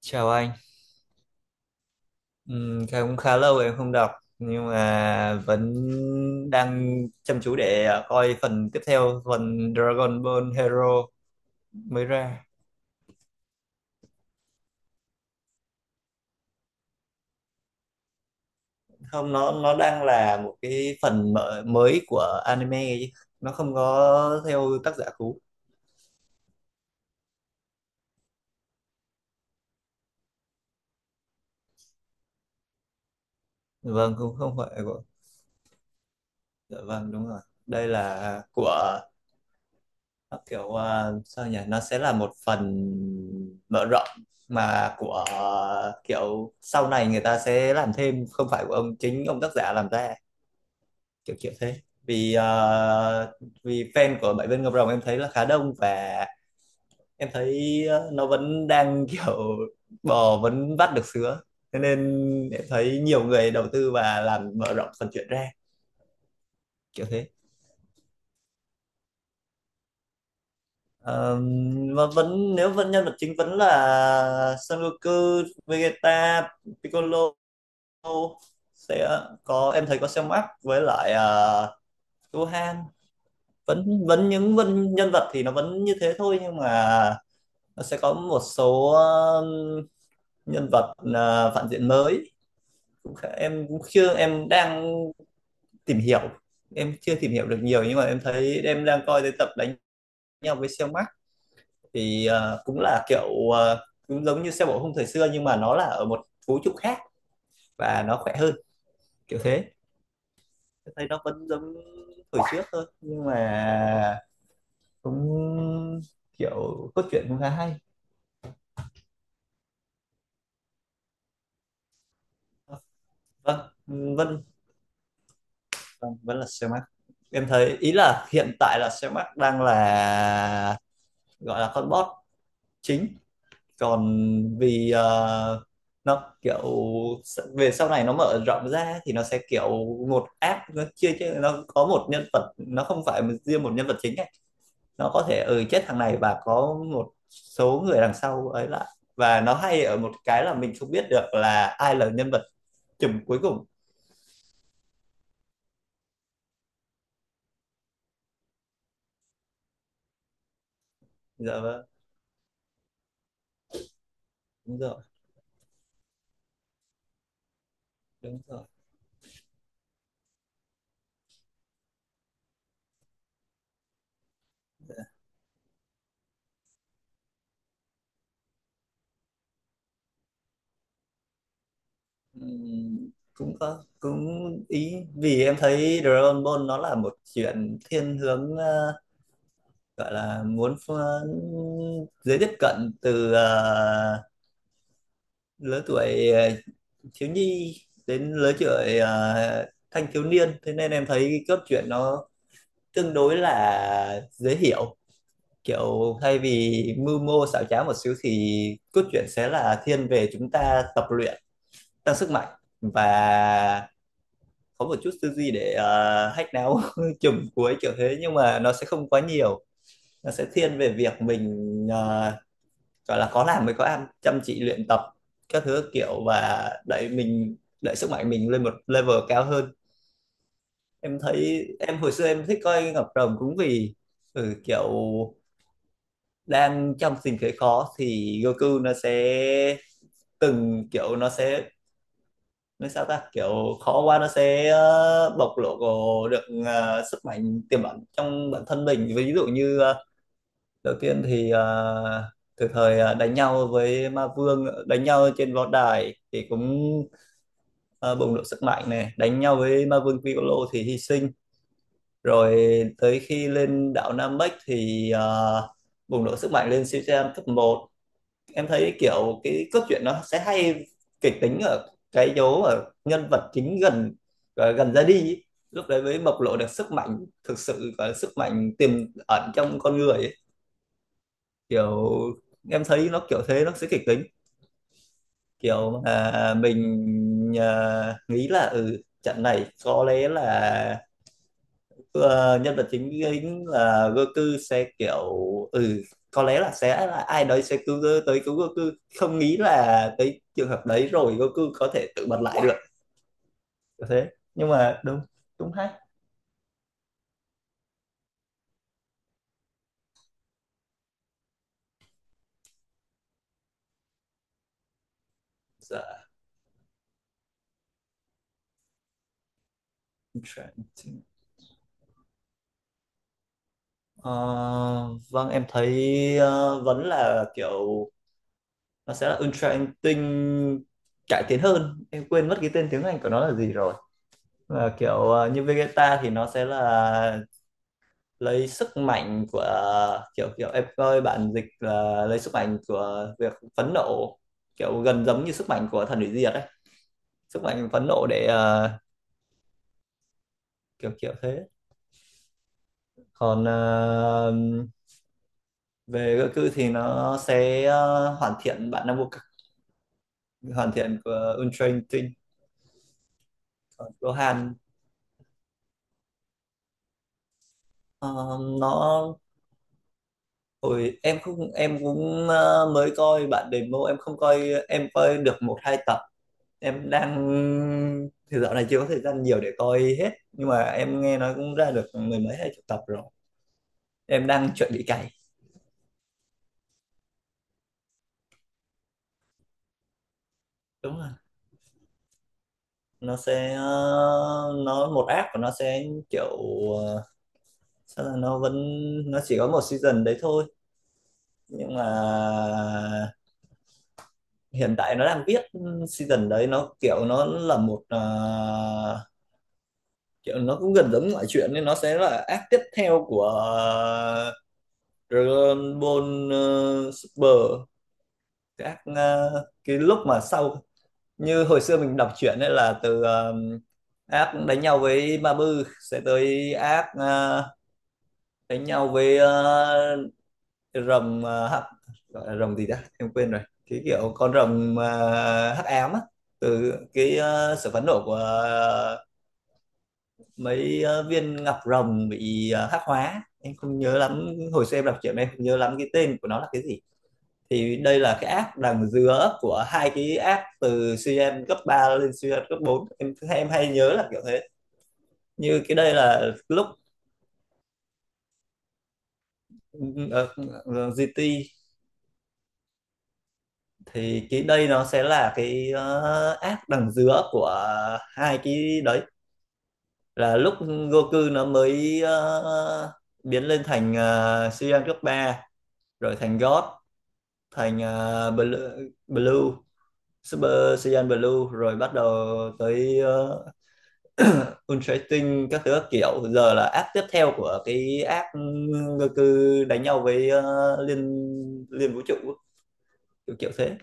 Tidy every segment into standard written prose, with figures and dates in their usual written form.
Chào anh. Cũng khá lâu rồi em không đọc, nhưng mà vẫn đang chăm chú để coi phần tiếp theo, phần Dragon Ball Hero mới ra. Không, nó đang là một cái phần mở, mới của anime ấy chứ. Nó không có theo tác giả cũ. Vâng, cũng không phải của, dạ vâng, đúng rồi. Đây là của, kiểu sao nhỉ, nó sẽ là một phần mở rộng, mà của kiểu sau này người ta sẽ làm thêm, không phải của ông, chính ông tác giả làm ra, kiểu kiểu thế. Vì vì fan của Bảy Viên Ngọc Rồng em thấy là khá đông, và em thấy nó vẫn đang kiểu bò vẫn vắt được sứa, thế nên em thấy nhiều người đầu tư và làm mở rộng phần chuyện ra, kiểu thế. Ờ, mà vẫn nếu vẫn nhân vật chính vẫn là Son Goku, Vegeta, Piccolo sẽ có, em thấy có Cell Max, với lại Gohan. Vẫn vẫn những nhân vật thì nó vẫn như thế thôi, nhưng mà nó sẽ có một số nhân vật phản diện mới. Em cũng chưa, em đang tìm hiểu, em chưa tìm hiểu được nhiều, nhưng mà em thấy em đang coi tới tập đánh nhau với Cell Max. Thì cũng là kiểu, cũng giống như xe bộ khung thời xưa, nhưng mà nó là ở một vũ trụ khác và nó khỏe hơn, kiểu thế. Tôi thấy nó vẫn giống thời trước thôi, nhưng mà cũng kiểu cốt truyện cũng khá hay. Vâng, vâng, vâng, vẫn là xe Max. Em thấy ý là hiện tại là xe Max đang là, gọi là con boss chính. Còn vì nó kiểu, về sau này nó mở rộng ra thì nó sẽ kiểu một app, nó chia chia nó có một nhân vật, nó không phải riêng một nhân vật chính ấy. Nó có thể, ừ, chết thằng này và có một số người đằng sau ấy lại, và nó hay ở một cái là mình không biết được là ai là nhân vật chùm cuối cùng. Dạ vâng, đúng rồi, đúng rồi. Cũng có cũng ý, vì em thấy Dragon Ball nó là một chuyện thiên hướng, gọi là muốn dễ tiếp cận từ lứa tuổi thiếu nhi đến lứa tuổi thanh thiếu niên. Thế nên em thấy cái cốt truyện nó tương đối là dễ hiểu, kiểu thay vì mưu mô xảo trá một xíu, thì cốt truyện sẽ là thiên về chúng ta tập luyện, tăng sức mạnh, và có một chút tư duy để hack não chùm cuối kiểu thế, nhưng mà nó sẽ không quá nhiều. Nó sẽ thiên về việc mình, gọi là có làm mới có ăn, chăm chỉ luyện tập các thứ kiểu, và đẩy mình, đẩy sức mạnh mình lên một level cao hơn. Em thấy em hồi xưa em thích coi Ngọc Rồng cũng vì, ừ, kiểu đang trong tình thế khó thì Goku nó sẽ, từng kiểu nó sẽ, nói sao ta, kiểu khó quá nó sẽ bộc lộ được sức mạnh tiềm ẩn trong bản thân mình. Ví dụ như đầu tiên thì từ thời đánh nhau với ma vương, đánh nhau trên võ đài thì cũng bùng nổ sức mạnh này, đánh nhau với ma vương Piccolo thì hy sinh rồi. Tới khi lên đảo Namek thì bùng nổ sức mạnh lên Shichiran cấp một. Em thấy kiểu cái cốt truyện nó sẽ hay, kịch tính ở cái dấu ở nhân vật chính gần, gần ra đi ý. Lúc đấy mới bộc lộ được sức mạnh thực sự và sức mạnh tiềm ẩn trong con người, kiểu em thấy nó kiểu thế, nó sẽ kịch tính kiểu, mình, nghĩ là ừ, trận này có lẽ là ờ, nhân vật chính chính là Goku sẽ kiểu, ừ, có lẽ là sẽ là ai đấy sẽ cứu, tới cứu Goku. Không nghĩ là tới trường hợp đấy rồi Goku có thể tự bật lại được, kiểu thế. Nhưng mà đúng, đúng hay. Dạ, interesting. Ờ, vâng, em thấy vẫn là kiểu nó sẽ là Ultra Anh cải tiến hơn, em quên mất cái tên tiếng Anh của nó là gì rồi. Mà kiểu như Vegeta thì nó sẽ là lấy sức mạnh của, kiểu kiểu em coi bản dịch là lấy sức mạnh của việc phẫn nộ, kiểu gần giống như sức mạnh của thần hủy diệt đấy, sức mạnh phẫn nộ để kiểu kiểu thế. Còn về Goku thì nó sẽ hoàn thiện bản năng vô cực, hoàn thiện của Ultra Instinct. Còn Gohan ờ, nó, ôi, em không, em cũng mới coi bạn demo, em không coi, em coi được một hai tập. Em đang, thì dạo này chưa có thời gian nhiều để coi hết, nhưng mà em nghe nói cũng ra được mười mấy hai chục tập rồi, em đang chuẩn bị cày. Đúng rồi, nó sẽ nó một app của nó sẽ kiểu ờ, sao là nó vẫn, nó chỉ có một season đấy thôi. Nhưng mà hiện tại nó đang viết season đấy, nó kiểu nó là một kiểu nó cũng gần giống ngoại chuyện, nên nó sẽ là act tiếp theo của Dragon Ball Super. Cái act cái lúc mà sau, như hồi xưa mình đọc truyện ấy, là từ act đánh nhau với Ma Bư sẽ tới act đánh nhau với rồng hắc, gọi là rồng gì ta em quên rồi, cái kiểu con rồng hắc ám á, từ cái sự phẫn nộ của mấy viên ngọc rồng bị hắc hóa. Em không nhớ lắm, hồi xưa em đọc chuyện em không nhớ lắm cái tên của nó là cái gì. Thì đây là cái app đằng giữa của hai cái app, từ CN cấp 3 lên CN cấp bốn, em hay nhớ là kiểu thế. Như cái đây là lúc ờ, GT, thì cái đây nó sẽ là cái app đằng giữa của hai cái đấy, là lúc Goku nó mới biến lên thành Saiyan cấp ba, rồi thành God, thành Blue Super Saiyan Blue, rồi bắt đầu tới Ultra các thứ các kiểu. Giờ là app tiếp theo của cái app Goku đánh nhau với liên liên vũ trụ, kiểu kiểu thế.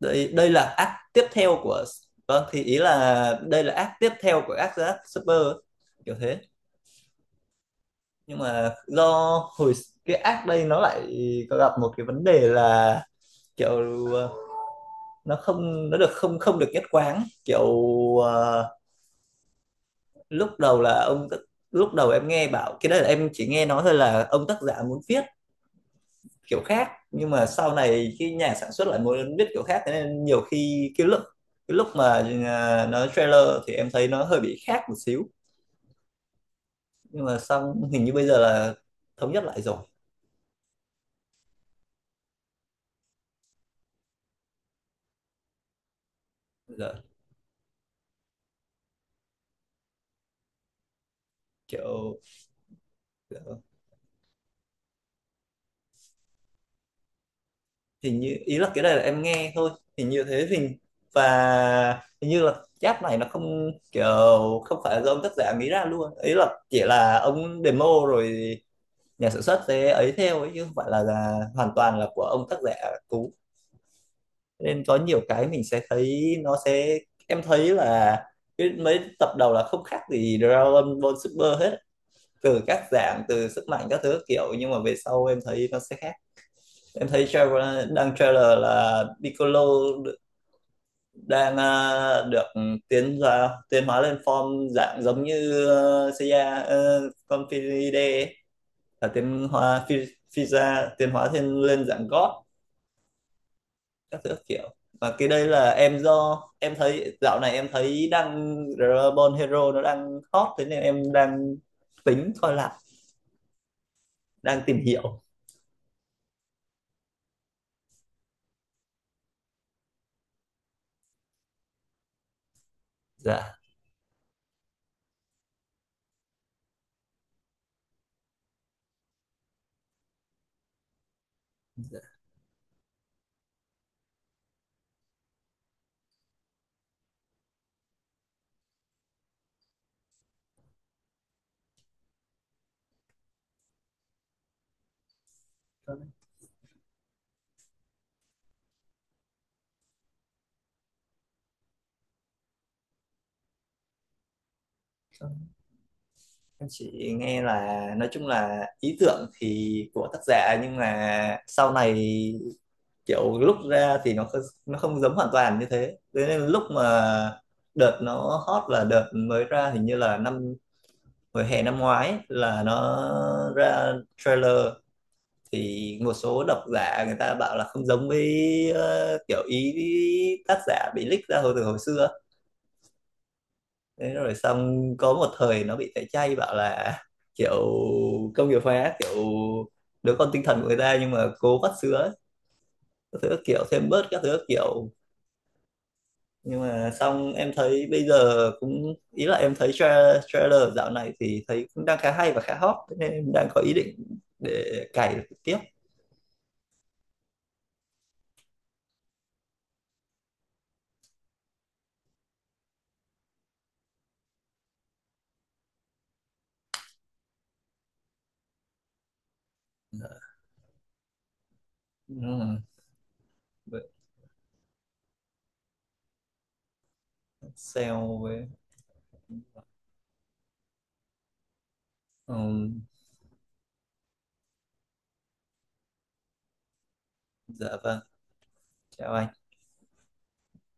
Đây đây là app tiếp theo của, vâng thì ý là đây là app tiếp theo của app app Super, kiểu thế. Nhưng mà do hồi cái app đây nó lại có gặp một cái vấn đề là kiểu, uh, nó không nó được, không không được nhất quán, kiểu ờ, lúc đầu là ông, lúc đầu em nghe bảo cái đấy, là em chỉ nghe nói thôi, là ông tác giả muốn viết kiểu khác, nhưng mà sau này khi nhà sản xuất lại muốn viết kiểu khác, thế nên nhiều khi cái lúc mà nó trailer thì em thấy nó hơi bị khác một xíu. Nhưng mà xong hình như bây giờ là thống nhất lại rồi. Giờ kiểu ờ, hình như ý là cái này là em nghe thôi, hình như thế, hình và hình như là giáp này nó không kiểu, không phải do ông tác giả nghĩ ra luôn, ý là chỉ là ông demo rồi nhà sản xuất sẽ ấy theo ấy, chứ không phải là hoàn toàn là của ông tác giả cũ. Nên có nhiều cái mình sẽ thấy nó sẽ, em thấy là cái mấy tập đầu là không khác gì Dragon Ball Super hết, từ các dạng, từ sức mạnh các thứ kiểu, nhưng mà về sau em thấy nó sẽ khác. Em thấy trailer, đăng trailer là Piccolo đang được tiến ra, tiến hóa lên form dạng giống như Seiya con, là tiến hóa tiến hóa thêm lên dạng God các thứ kiểu. Và cái đây là em, do em thấy dạo này em thấy đang Dragon Hero nó đang hot, thế nên em đang tính coi lại, đang tìm hiểu. Dạ, em chỉ nghe là nói chung là ý tưởng thì của tác giả, nhưng mà sau này kiểu lúc ra thì nó nó không giống hoàn toàn như thế. Thế nên lúc mà đợt nó hot là đợt mới ra, hình như là hồi hè năm ngoái ấy, là nó ra trailer. Thì một số độc giả người ta bảo là không giống với kiểu ý tác giả bị leak ra từ hồi xưa. Thế rồi xong có một thời nó bị tẩy chay, bảo là kiểu công nghiệp hóa, kiểu đứa con tinh thần của người ta nhưng mà cố vắt sữa ấy, các thứ các kiểu, thêm bớt các thứ các kiểu. Nhưng mà xong em thấy bây giờ, cũng ý là em thấy trailer dạo này thì thấy cũng đang khá hay và khá hot. Thế nên em đang có ý định để cày tiếp. Ừ, sale với, ừ, dạ vâng, chào anh.